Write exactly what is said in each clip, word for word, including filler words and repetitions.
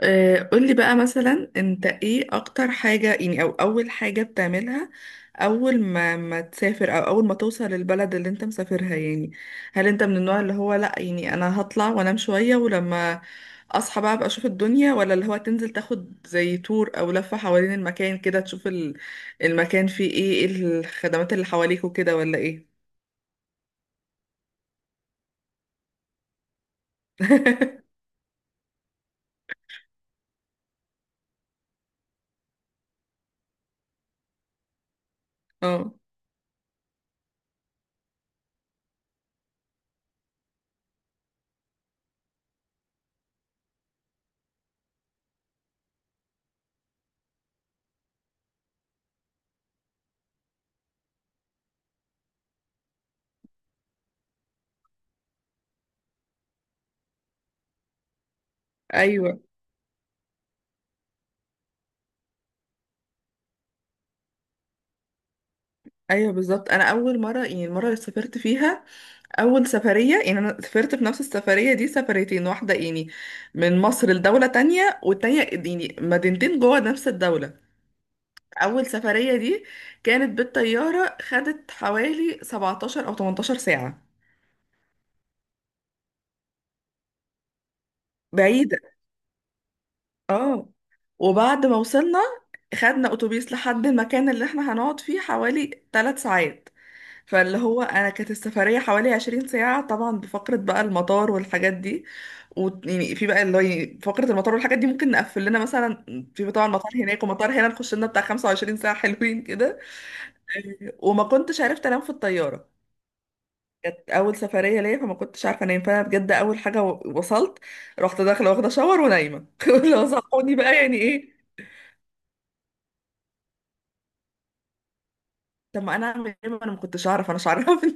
آه، قولي بقى مثلا انت ايه اكتر حاجة يعني او اول حاجة بتعملها اول ما ما تسافر او اول ما توصل للبلد اللي انت مسافرها يعني. هل انت من النوع اللي هو لا يعني انا هطلع وانام شوية ولما اصحى بقى ابقى اشوف الدنيا، ولا اللي هو تنزل تاخد زي تور او لفة حوالين المكان كده تشوف ال- المكان فيه ايه ايه الخدمات اللي حواليك وكده، ولا ايه؟ اه، ايوه، ايوه بالظبط. انا اول مرة يعني المرة اللي سافرت فيها اول سفريه، يعني انا سافرت في نفس السفريه دي سفريتين، واحده يعني من مصر لدوله تانية، والتانية يعني مدينتين جوه نفس الدوله. اول سفريه دي كانت بالطياره، خدت حوالي سبعتاشر او تمنتاشر ساعه. بعيده، اه. وبعد ما وصلنا خدنا اتوبيس لحد المكان اللي احنا هنقعد فيه حوالي ثلاث ساعات، فاللي هو انا كانت السفريه حوالي عشرين ساعه، طبعا بفقره بقى المطار والحاجات دي. ويعني في بقى اللي هو يعني فقره المطار والحاجات دي ممكن نقفل لنا مثلا، في طبعا مطار هناك ومطار هنا، نخش لنا بتاع خمسة وعشرين ساعه حلوين كده. وما كنتش عرفت انام في الطياره، كانت اول سفريه ليا فما كنتش عارفه انام، فانا بجد اول حاجه و- وصلت رحت داخله واخده شاور ونايمه. لو صحوني بقى يعني ايه؟ طب ما انا اعمل ايه؟ ما انا ما كنتش اعرف، انا مش عارفني.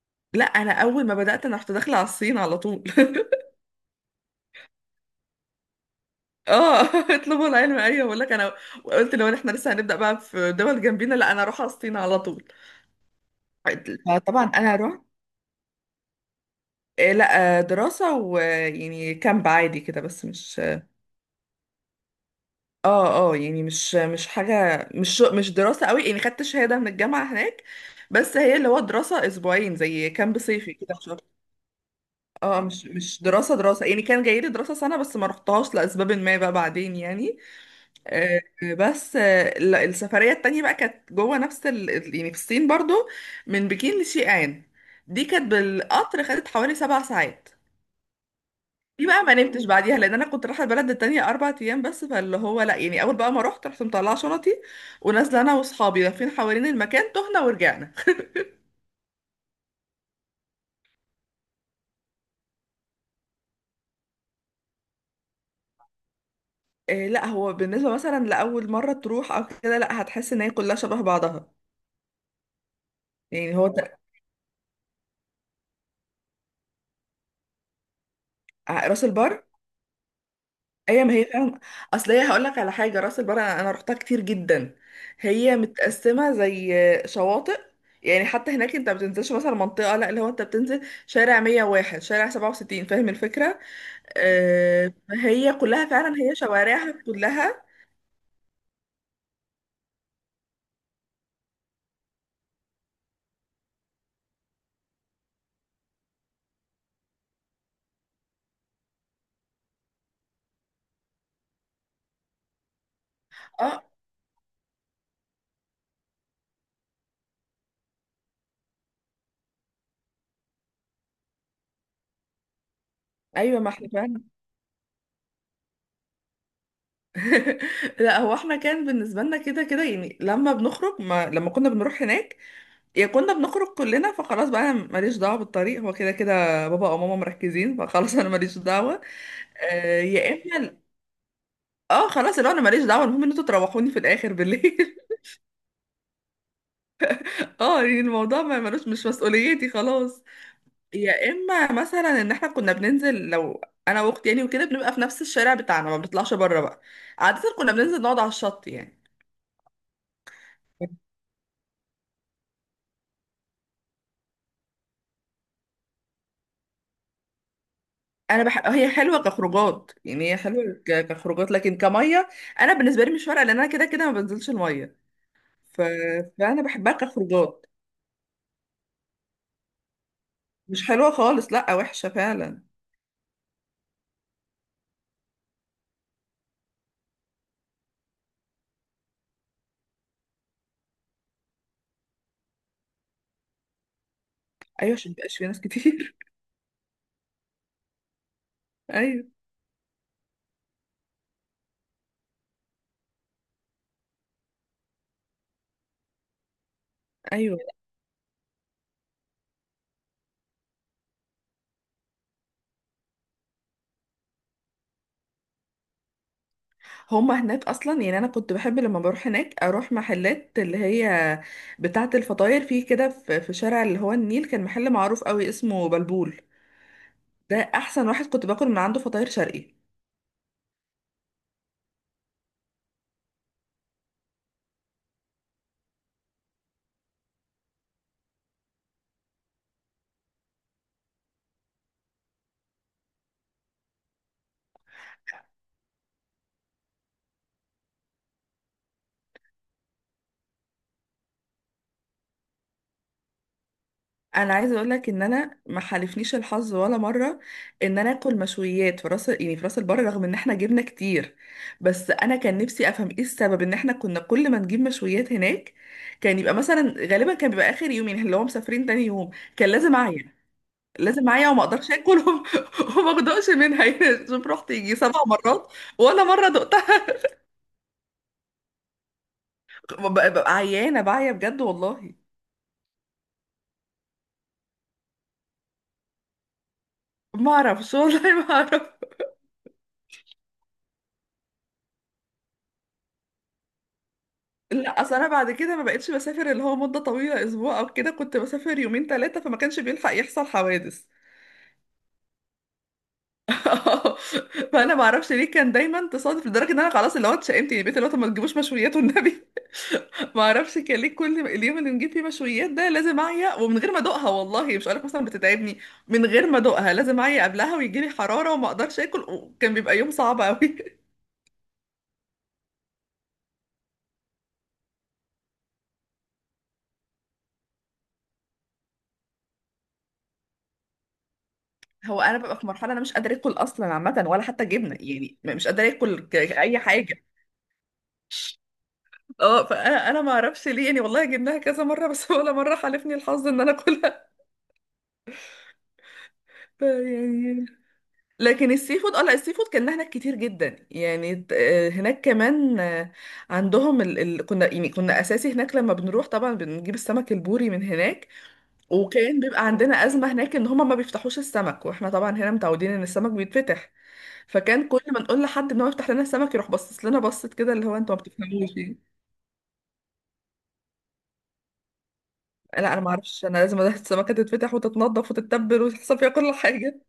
لا انا اول ما بدات انا رحت داخله على الصين على طول. اه. اطلبوا العلم، ايوه بقول لك. انا قلت لو احنا لسه هنبدا بقى في دول جنبينا، لا انا اروح اسطينة على طول. طبعا انا رحت، آه، لا آه، دراسه ويعني كامب عادي كده بس مش، اه اه، يعني مش مش حاجه مش مش دراسه قوي، يعني خدت شهاده من الجامعه هناك، بس هي اللي هو دراسه اسبوعين زي كامب صيفي كده في شهر. اه مش مش دراسه دراسه، يعني كان جاي لي دراسه سنه بس ما رحتهاش لاسباب ما بقى بعدين يعني. آه، بس آه، لا، السفرية التانية بقى كانت جوه نفس ال... ال- يعني في الصين برضو، من بكين لشيئان. دي كانت بالقطر، خدت حوالي سبع ساعات. دي بقى ما نمتش بعديها لان انا كنت رايحه البلد التانية اربع ايام بس، فاللي هو لا يعني اول بقى ما رحت رحت مطلعه شنطي، ونازله انا واصحابي لافين حوالين المكان، تهنا ورجعنا. إيه لا هو بالنسبه مثلا لاول مره تروح او كده لا، هتحس ان هي كلها شبه بعضها. يعني هو ت- راس البر، هي ما هي فعلا، اصل هي هقول لك على حاجه، راس البر انا أنا رحتها كتير جدا. هي متقسمه زي شواطئ، يعني حتى هناك انت ما بتنزلش مثلا منطقه، لا اللي هو انت بتنزل شارع مية وواحد شارع سبعة وستين، فاهم الفكره؟ آه فهي كلها فعلا هي شوارعها كلها. اه، ايوه ما احنا فعلا. لا هو احنا كان بالنسبه لنا كده كده، يعني لما بنخرج ما لما كنا بنروح هناك يا كنا بنخرج كلنا، فخلاص بقى انا ماليش دعوه بالطريق، هو كده كده بابا او ماما مركزين فخلاص انا ماليش دعوه. آه، يا اما، اه خلاص اللي هو انا ماليش دعوه، المهم ان انتوا تروحوني في الاخر بالليل. اه يعني الموضوع ما ملوش، مش مسؤوليتي خلاص. يا اما مثلا ان احنا كنا بننزل لو انا واختي يعني وكده، بنبقى في نفس الشارع بتاعنا ما بنطلعش بره بقى. عاده كنا بننزل نقعد على الشط يعني. انا بح... هي حلوه كخروجات، يعني هي حلوه ك- كخروجات لكن كميه، انا بالنسبه لي مش فارقه لان انا كده كده ما بنزلش الميه، ف... فانا بحبها كخروجات. مش حلوه خالص، لا وحشه فعلا. ايوه عشان مبقاش في ناس كتير. ايوه، ايوه. هما هناك اصلا يعني انا كنت بحب لما بروح هناك اروح محلات اللي هي بتاعه الفطاير، في كده في في شارع اللي هو النيل، كان محل معروف قوي اسمه بلبول، ده احسن واحد كنت باكل من عنده فطاير شرقي. انا عايزه اقول لك ان انا ما حالفنيش الحظ ولا مره ان انا اكل مشويات في راس، يعني في راس البر، رغم ان احنا جبنا كتير. بس انا كان نفسي افهم ايه السبب ان احنا كنا كل ما نجيب مشويات هناك كان يبقى مثلا غالبا كان بيبقى اخر يوم، يعني اللي هو مسافرين تاني يوم، كان لازم اعيا، لازم معايا وما اقدرش اكل وما، وما اقدرش منها يعني. شوف رحت يجي سبع مرات ولا مره دقتها. ببقى ببقى عيانه بعيا بجد والله. ما اعرفش والله، ما اعرف. لا اصل انا بعد كده ما بقتش بسافر اللي هو مده طويله اسبوع او كده، كنت بسافر يومين ثلاثه فما كانش بيلحق يحصل حوادث. فانا ما اعرفش ليه كان دايما تصادف، لدرجه ان انا خلاص اللي هو اتشائمت يعني، بقيت اللي هو طب ما تجيبوش مشويات والنبي. ما اعرفش كان ليه، كل اليوم اللي نجيب فيه مشويات ده لازم اعيا، ومن غير ما ادوقها والله، مش هقولك مثلا بتتعبني، من غير ما ادوقها لازم اعيا قبلها ويجي لي حراره وما اقدرش اكل، وكان بيبقى يوم صعب قوي. هو انا ببقى في مرحله انا مش قادره اكل اصلا عامه، ولا حتى جبنه يعني م- مش قادره اكل ك- اي حاجه. اه فانا انا ما اعرفش ليه يعني والله، جبناها كذا مره بس. ولا مره حالفني الحظ ان انا اكلها. ف- يعني لكن السي فود، اه لا السي فود كان هناك كتير جدا يعني ت- آه، هناك كمان، آه، عندهم ال... ال... كنا يعني كنا اساسي هناك، لما بنروح طبعا بنجيب السمك البوري من هناك. وكان بيبقى عندنا ازمه هناك ان هما ما بيفتحوش السمك، واحنا طبعا هنا متعودين ان السمك بيتفتح، فكان كل ما نقول لحد ان هو يفتح لنا السمك يروح باصص لنا بصت كده، اللي هو انتوا ما بتفهموش يعني. لا انا ما اعرفش، انا لازم السمكه تتفتح وتتنضف وتتبل وتحصل فيها كل حاجه.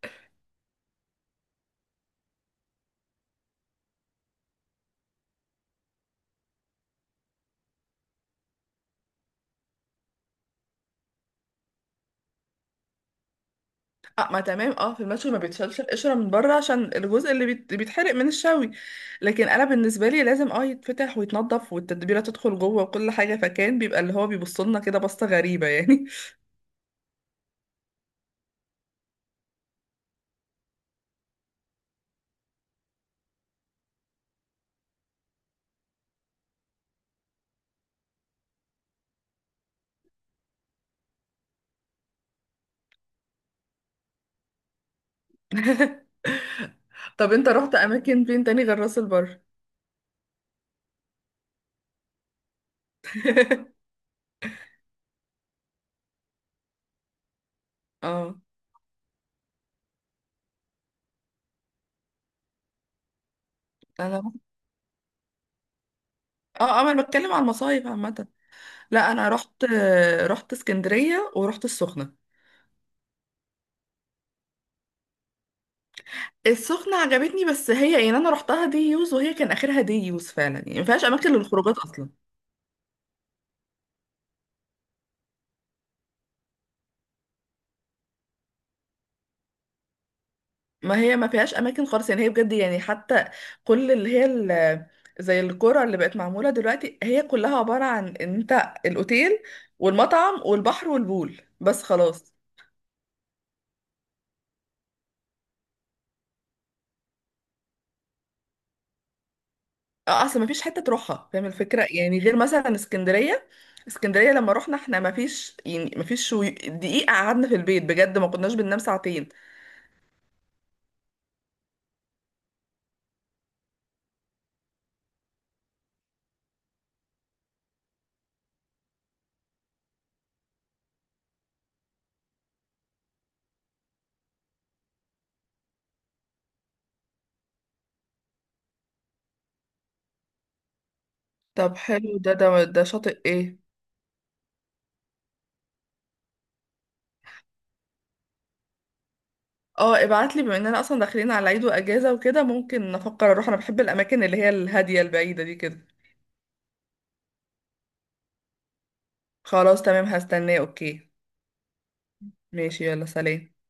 اه، ما تمام، اه في المشوي ما بيتشالش القشرة من بره عشان الجزء اللي بيت- بيتحرق من الشوي، لكن انا بالنسبة لي لازم اه يتفتح ويتنضف والتتبيلة تدخل جوه وكل حاجة، فكان بيبقى اللي هو بيبص لنا كده بصة غريبة يعني. طب انت رحت اماكن فين تاني غير راس البر؟ اه انا رحت- اه اه انا بتكلم عن المصايف عامة. لا انا رحت، آه، رحت اسكندرية ورحت السخنة. السخنة عجبتني بس هي يعني انا رحتها دي يوز، وهي كان اخرها دي يوز فعلا يعني ما فيهاش اماكن للخروجات اصلا. ما هي ما فيهاش اماكن خالص يعني، هي بجد يعني حتى كل اللي هي ال- زي القرى اللي بقت معموله دلوقتي، هي كلها عباره عن ان انت الاوتيل والمطعم والبحر والبول بس خلاص. اه اصل ما فيش حته تروحها فاهم الفكره، يعني غير مثلا اسكندريه. اسكندريه لما رحنا احنا ما فيش يعني ما فيش شوي- دقيقه قعدنا في البيت بجد، ما كناش بننام ساعتين. طب حلو، ده ده ده شاطئ ايه؟ اه ابعتلي، بما اننا اصلا داخلين على عيد واجازه وكده ممكن افكر اروح، انا بحب الاماكن اللي هي الهاديه البعيده دي كده. خلاص تمام، هستناه، اوكي. ماشي، يلا سلام.